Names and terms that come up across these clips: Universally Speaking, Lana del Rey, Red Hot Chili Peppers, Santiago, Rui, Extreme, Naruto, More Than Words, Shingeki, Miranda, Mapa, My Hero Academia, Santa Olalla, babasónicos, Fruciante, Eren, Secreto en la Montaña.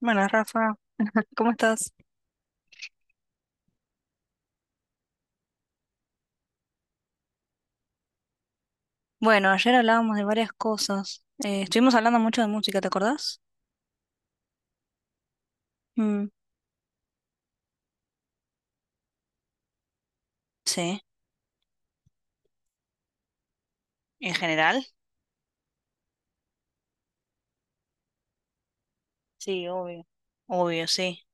Buenas Rafa, ¿cómo estás? Bueno, ayer hablábamos de varias cosas. Estuvimos hablando mucho de música, ¿te acordás? Mm, sí, en general. Sí, obvio. Obvio, sí.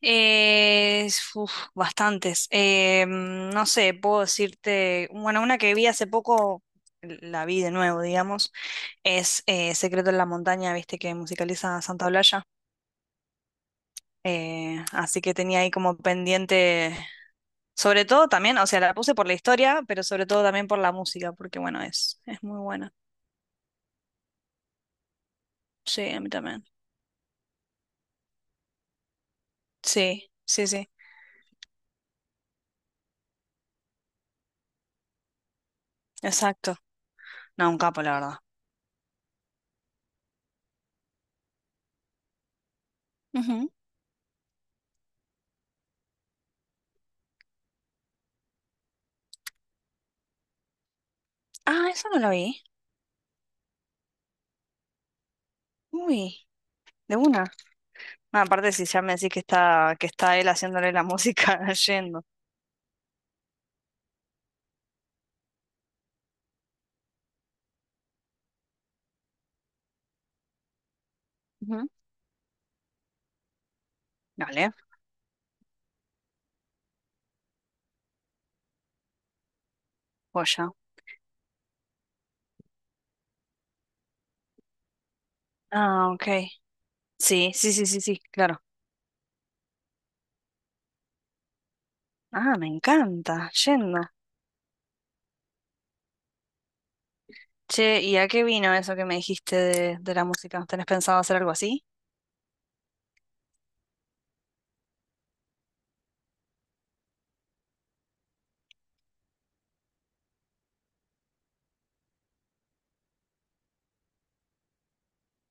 Uf, bastantes. No sé, puedo decirte, bueno, una que vi hace poco, la vi de nuevo, digamos, es Secreto en la Montaña, viste que musicaliza Santa Olalla. Así que tenía ahí como pendiente. Sobre todo también, o sea, la puse por la historia, pero sobre todo también por la música, porque bueno, es muy buena. Sí, a mí también. Sí, sí, sí, exacto. No, un capo, la verdad. Ujú. Ah, eso no lo vi. Uy, de una. Ah, aparte, si ya me decís que está él haciéndole la música yendo. Ujú. Dale, joya. Ah, ok. Sí, sí, sí, sí, sí, claro. Ah, me encanta, yendo. Che, ¿y a qué vino eso que me dijiste de la música? ¿Tenés pensado hacer algo así?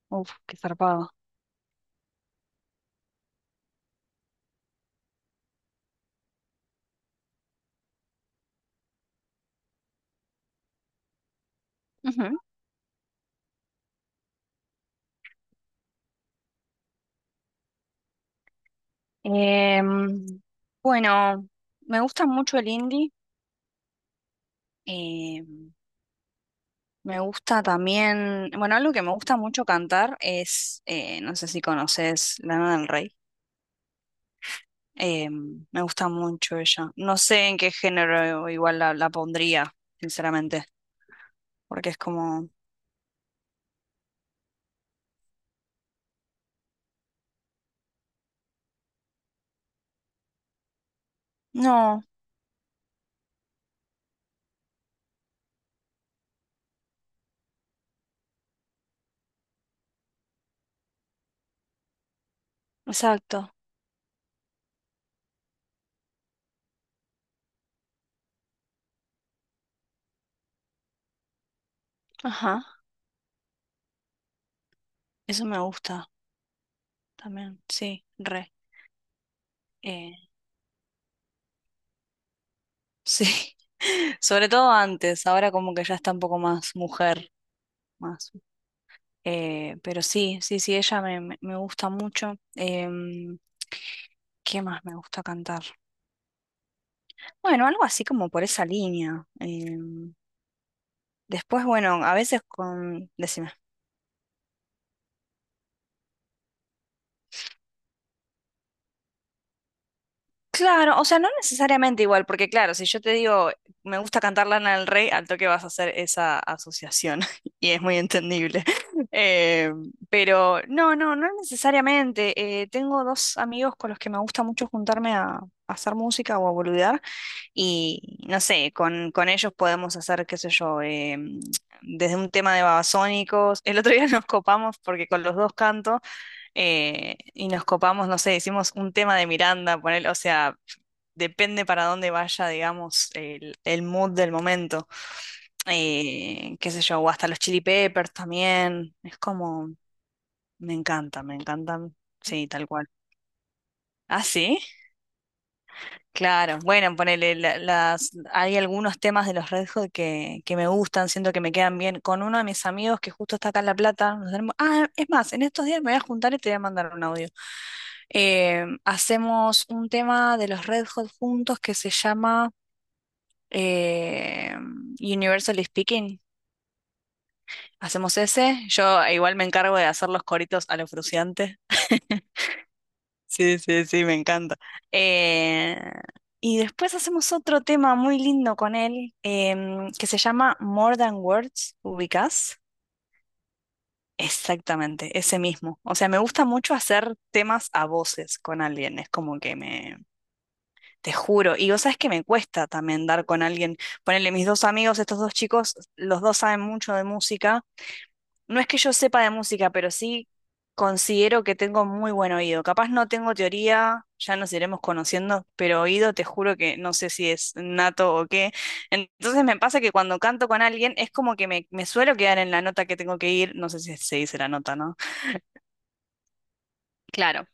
Uf, qué zarpado. Ujú. Em, bueno, me gusta mucho el indie. em, Me gusta también, bueno, algo que me gusta mucho cantar es, no sé si conoces Lana del Rey. Em, me gusta mucho ella. No sé en qué género igual la pondría, sinceramente, porque es como... No, exacto. Ajá, eso me gusta también, sí, re. eh, Sí, sobre todo antes, ahora como que ya está un poco más mujer, más. Pero sí, sí, sí, ella me gusta mucho. Em, ¿qué más me gusta cantar? Bueno, algo así como por esa línea. Em, después, bueno, a veces con... Decime. Claro, o sea, no necesariamente igual, porque claro, si yo te digo, me gusta cantar Lana del Rey, al toque vas a hacer esa asociación y es muy entendible. Eh, pero no, no necesariamente. Tengo dos amigos con los que me gusta mucho juntarme a hacer música o a boludear y no sé, con ellos podemos hacer, qué sé yo, desde un tema de babasónicos. El otro día nos copamos porque con los dos canto y nos copamos, no sé, hicimos un tema de Miranda, poner, o sea depende para dónde vaya, digamos, el mood del momento. Qué sé yo, o hasta los Chili Peppers también. Es como, me encanta, me encantan. Sí, tal cual. Ah, sí, claro. Bueno, ponele hay algunos temas de los Red Hot que me gustan, siento que me quedan bien. Con uno de mis amigos que justo está acá en La Plata, nos tenemos- ah, es más, en estos días me voy a juntar y te voy a mandar un audio. Hacemos un tema de los Red Hot juntos que se llama eh, Universally Speaking. Hacemos ese. Yo igual me encargo de hacer los coritos a lo Fruciante. Sí, sí, sí, me encanta. Eh, y después hacemos otro tema muy lindo con él que se llama More Than Words, ¿ubicás? Exactamente, ese mismo. O sea, me gusta mucho hacer temas a voces con alguien. Es como que me, te juro. Y vos sabés que me cuesta también dar con alguien. Ponele mis dos amigos, estos dos chicos, los dos saben mucho de música. No es que yo sepa de música, pero sí considero que tengo muy buen oído. Capaz no tengo teoría, ya nos iremos conociendo, pero oído te juro que no sé si es nato o qué. Entonces me pasa que cuando canto con alguien es como que me suelo quedar en la nota que tengo que ir. No sé si se dice la nota, ¿no? Claro.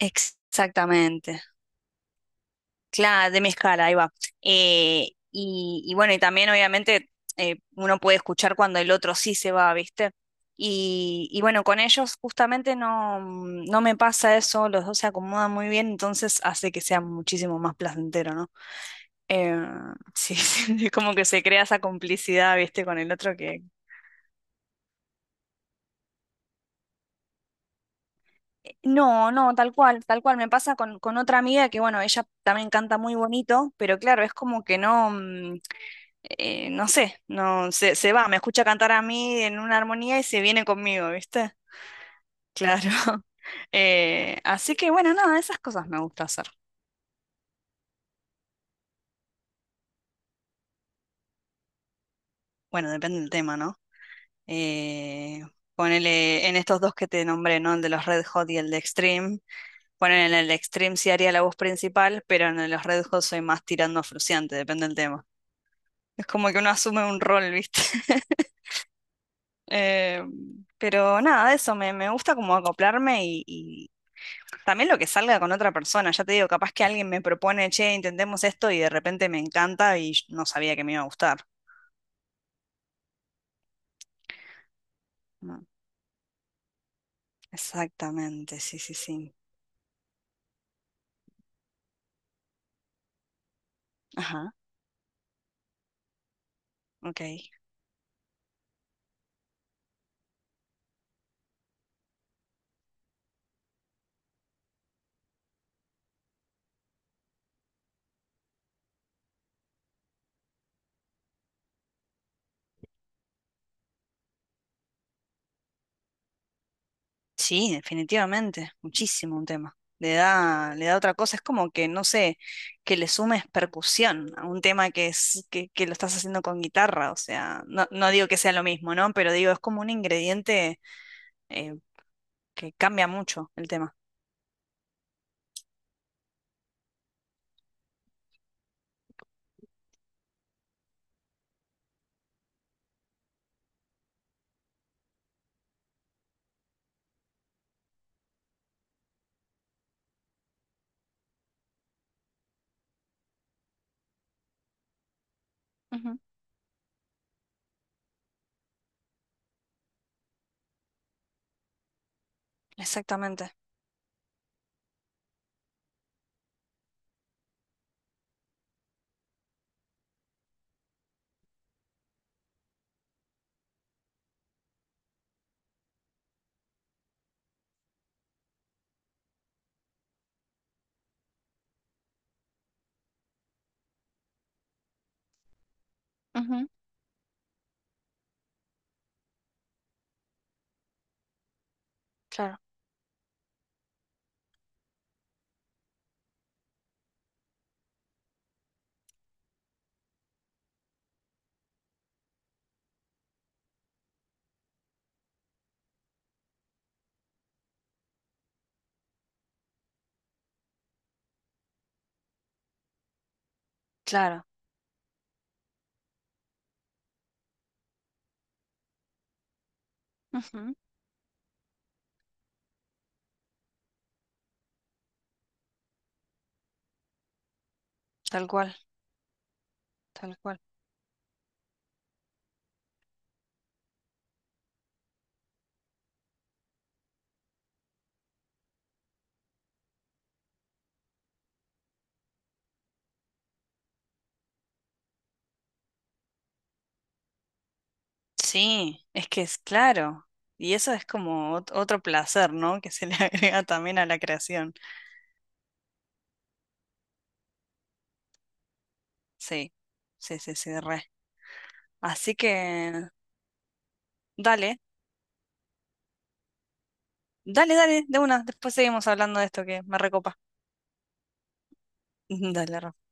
Exactamente. Claro, de mi escala, ahí va. Y bueno, y también obviamente uno puede escuchar cuando el otro sí se va, ¿viste? Y bueno, con ellos justamente no, no me pasa eso, los dos se acomodan muy bien, entonces hace que sea muchísimo más placentero, ¿no? Eh, sí, sí, como que se crea esa complicidad, ¿viste? Con el otro que... No, no, tal cual, tal cual. Me pasa con otra amiga que, bueno, ella también canta muy bonito, pero claro, es como que no... No sé, no se, se va, me escucha cantar a mí en una armonía y se viene conmigo, ¿viste? Claro. Así que bueno, nada, esas cosas me gusta hacer. Bueno, depende del tema, ¿no? Eh, Ponele en estos dos que te nombré, ¿no? El de los Red Hot y el de Extreme. Ponele en el de Extreme sí haría la voz principal, pero en el de los Red Hot soy más tirando a fruciante, depende del tema. Es como que uno asume un rol, ¿viste? Eh, pero nada, eso, me gusta como acoplarme y, también lo que salga con otra persona, ya te digo, capaz que alguien me propone, che, intentemos esto y de repente me encanta y yo no sabía que me iba a gustar. Mm, exactamente, sí, sí, sí. Ajá, ok. Sí, definitivamente, muchísimo un tema. Le da otra cosa, es como que, no sé, que le sumes percusión a un tema que que lo estás haciendo con guitarra, o sea, no, no digo que sea lo mismo, ¿no? Pero digo, es como un ingrediente eh, que cambia mucho el tema. Ujú, exactamente. Ujú, claro, claro. Ujú, tal cual, tal cual. Sí, es que es claro. Y eso es como ot- otro placer, ¿no? Que se le agrega también a la creación. Sí, sí, sí, sí, re. Así que, dale, dale, dale, de una. Después seguimos hablando de esto que me recopa. Dale, Rafa.